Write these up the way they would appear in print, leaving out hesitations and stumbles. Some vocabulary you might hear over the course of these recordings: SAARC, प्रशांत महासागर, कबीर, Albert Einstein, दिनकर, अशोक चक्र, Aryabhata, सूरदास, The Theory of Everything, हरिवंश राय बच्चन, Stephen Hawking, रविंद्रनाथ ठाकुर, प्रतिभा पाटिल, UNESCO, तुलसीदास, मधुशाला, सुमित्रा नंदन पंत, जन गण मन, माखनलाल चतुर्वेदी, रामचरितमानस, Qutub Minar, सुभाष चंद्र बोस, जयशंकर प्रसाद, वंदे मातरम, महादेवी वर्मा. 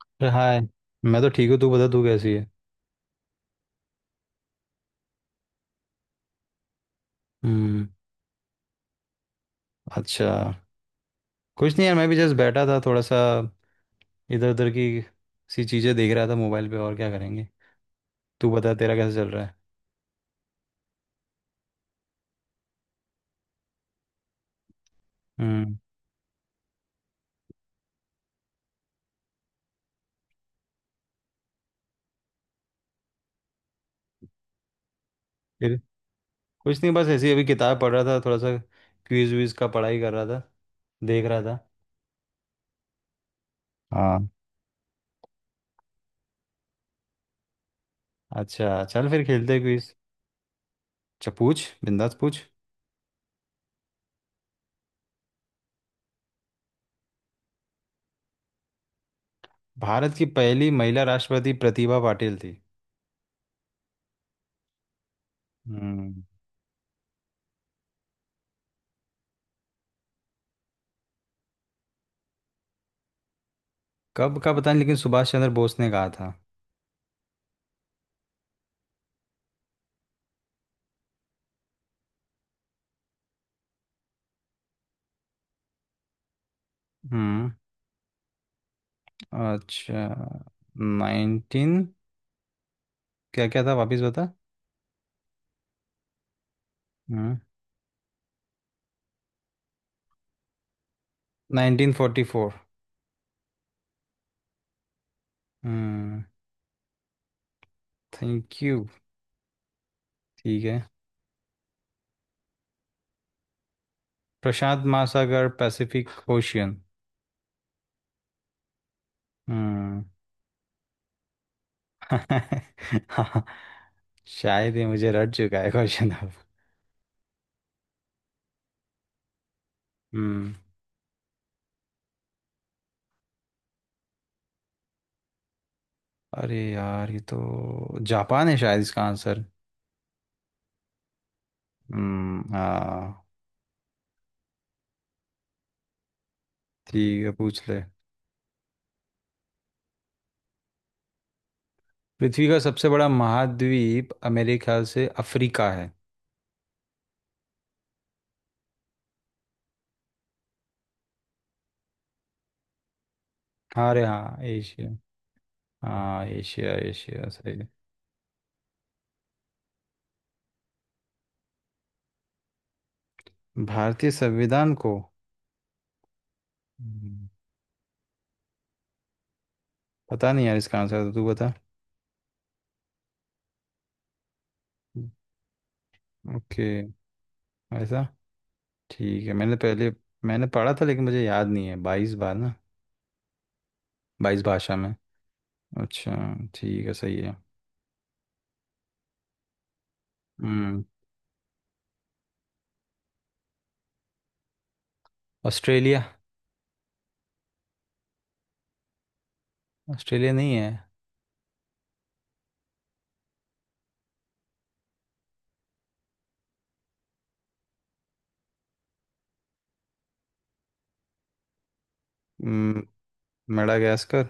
अरे हाय। मैं तो ठीक हूँ। तू बता, तू कैसी है। हम्म। अच्छा। कुछ नहीं यार, मैं भी जस्ट बैठा था थोड़ा सा। इधर उधर की सी चीज़ें देख रहा था मोबाइल पे, और क्या करेंगे। तू बता, तेरा कैसा चल रहा है। हम्म। फिर कुछ नहीं, बस ऐसे ही अभी किताब पढ़ रहा था थोड़ा सा। क्विज विज का पढ़ाई कर रहा था। देख रहा था। हाँ। अच्छा, चल फिर खेलते हैं क्विज। अच्छा, पूछ। बिंदास पूछ। भारत की पहली महिला राष्ट्रपति प्रतिभा पाटिल थी। हम्म। कब का पता नहीं, लेकिन सुभाष चंद्र बोस ने कहा था। हम्म। अच्छा। नाइनटीन क्या क्या था, वापिस बता। हम्म। Nineteen forty four. हम्म। Thank you. ठीक है। प्रशांत महासागर। Pacific Ocean. हम्म। हाँ, शायद ये मुझे रट चुका है क्वेश्चन अब। हम्म। अरे यार, ये तो जापान है शायद इसका आंसर। हम्म। हाँ। ठीक है, पूछ ले। पृथ्वी का सबसे बड़ा महाद्वीप अमेरिका से अफ्रीका है। अरे हाँ, एशिया। हाँ, एशिया, एशिया सही है। भारतीय संविधान को, हम्म, पता नहीं यार, इसका आंसर तो तू बता। ओके। ऐसा। ठीक है। मैंने पढ़ा था लेकिन मुझे याद नहीं है। बाईस बार ना, बाईस भाषा में। अच्छा, ठीक है, सही है। हम्म। ऑस्ट्रेलिया। ऑस्ट्रेलिया नहीं है। हम्म। मेडागास्कर।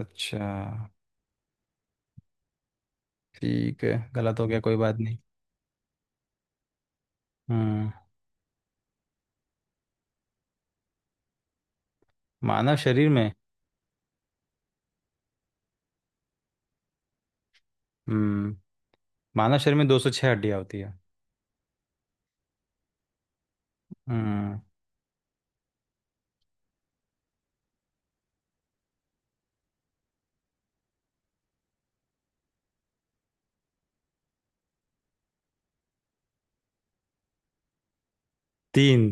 अच्छा। ठीक है, गलत हो गया, कोई बात नहीं। हम्म। मानव शरीर में। हम्म मानव शरीर में 206 हड्डियां होती है। हम्म। तीन।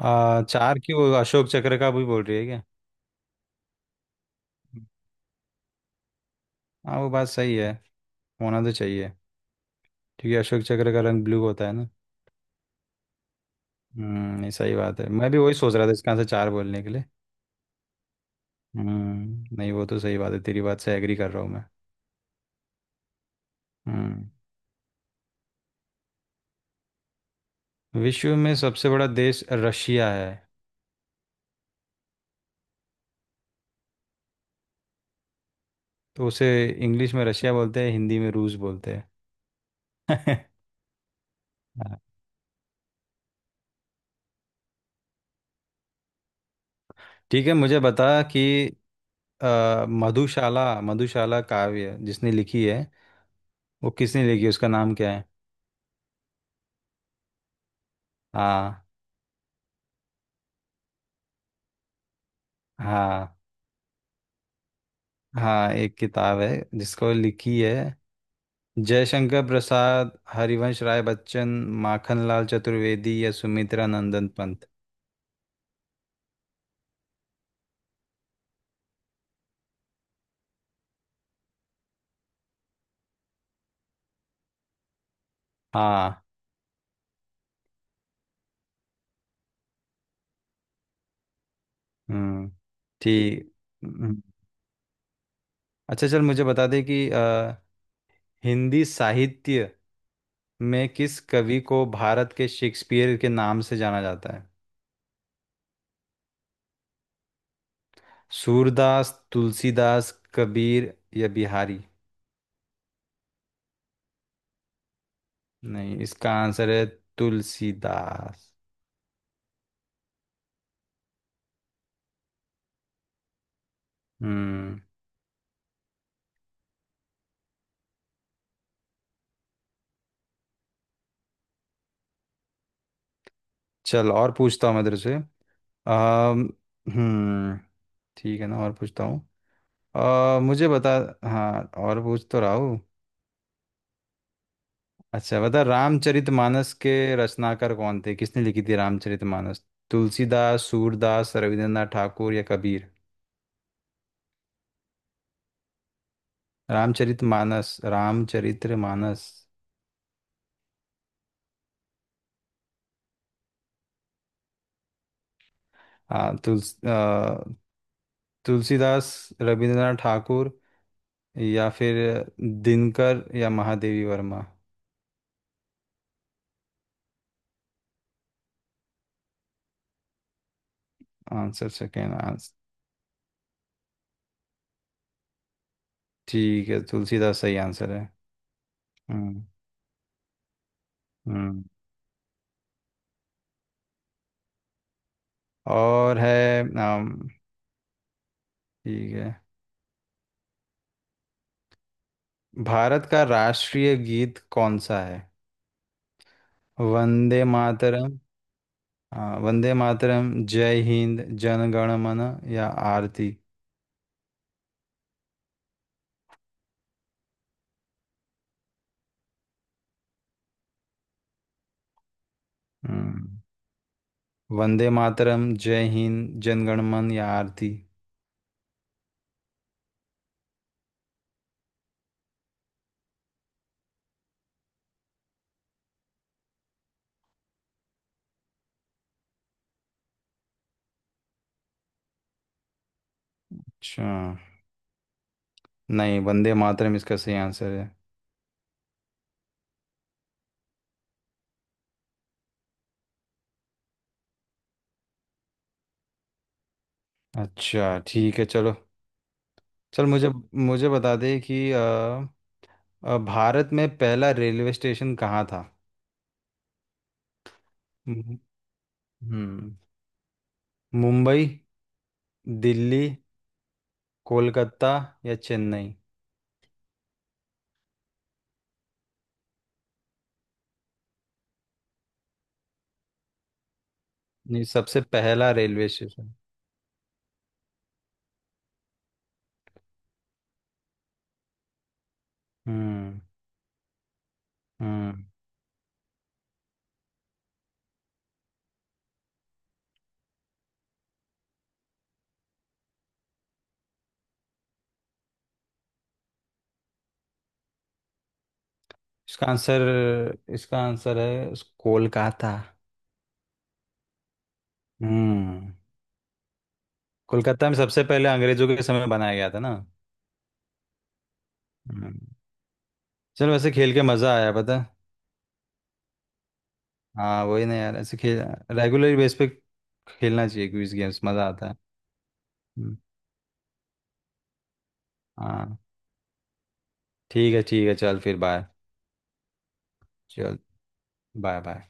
चार क्यों, अशोक चक्र का भी बोल रही है क्या। हाँ, वो बात सही है। होना तो चाहिए, क्योंकि अशोक चक्र का रंग ब्लू होता है ना। हम्म। नहीं, सही बात है, मैं भी वही सोच रहा था इसका आंसर चार बोलने के लिए। हम्म। नहीं, वो तो सही बात है। तेरी बात से एग्री कर रहा हूँ मैं। हम्म। विश्व में सबसे बड़ा देश रशिया है। तो उसे इंग्लिश में रशिया बोलते हैं, हिंदी में रूस बोलते हैं। हाँ। ठीक है, मुझे बता कि मधुशाला। मधुशाला काव्य जिसने लिखी है, वो किसने लिखी है, उसका नाम क्या है। हाँ। हाँ। हाँ, एक किताब है। जिसको लिखी है, जयशंकर प्रसाद, हरिवंश राय बच्चन, माखनलाल चतुर्वेदी या सुमित्रा नंदन पंत। हाँ। हम्म। ठीक। हम्म। अच्छा, चल मुझे बता दे कि हिंदी साहित्य में किस कवि को भारत के शेक्सपियर के नाम से जाना जाता है। सूरदास, तुलसीदास, कबीर या बिहारी। नहीं, इसका आंसर है तुलसीदास। हम्म। चल और पूछता हूँ मैं तेरे से। अम, हम्म ठीक है ना, और पूछता हूँ। मुझे बता। हाँ और पूछ तो रहा हूँ। अच्छा बता, रामचरितमानस के रचनाकार कौन थे, किसने लिखी थी रामचरितमानस। तुलसीदास, सूरदास, रविंद्रनाथ ठाकुर या कबीर। रामचरितमानस। रामचरितमानस। आ, तुलस अ, तुलसीदास, रविंद्रनाथ ठाकुर, या फिर दिनकर या महादेवी वर्मा। Answer second answer. ठीक है, तुलसीदास सही आंसर है। हम्म। हम्म और है। ठीक है। भारत का राष्ट्रीय गीत कौन सा है? वंदे मातरम। हाँ, वंदे मातरम, जय हिंद, जन गण मन या आरती। हम्म। वंदे मातरम, जय हिंद, जन गण मन या आरती। अच्छा। नहीं, वंदे मातरम इसका सही आंसर है। अच्छा, ठीक है चलो। चल मुझे मुझे बता दे कि भारत में पहला रेलवे स्टेशन कहाँ था। मु- हम्म। मुंबई, दिल्ली, कोलकाता या चेन्नई। ये सबसे पहला रेलवे स्टेशन। हम्म। हम्म। इसका आंसर इसका आंसर है कोलकाता। हम्म। कोलकाता में सबसे पहले अंग्रेजों के समय बनाया गया था ना। हम्म। चलो वैसे, खेल के मजा आया पता है? हाँ वही ना यार, ऐसे खेल रेगुलर बेस पे खेलना चाहिए। क्विज गेम्स मजा आता है। हम्म। हाँ। ठीक है, ठीक है, चल फिर बाय। चल, बाय बाय।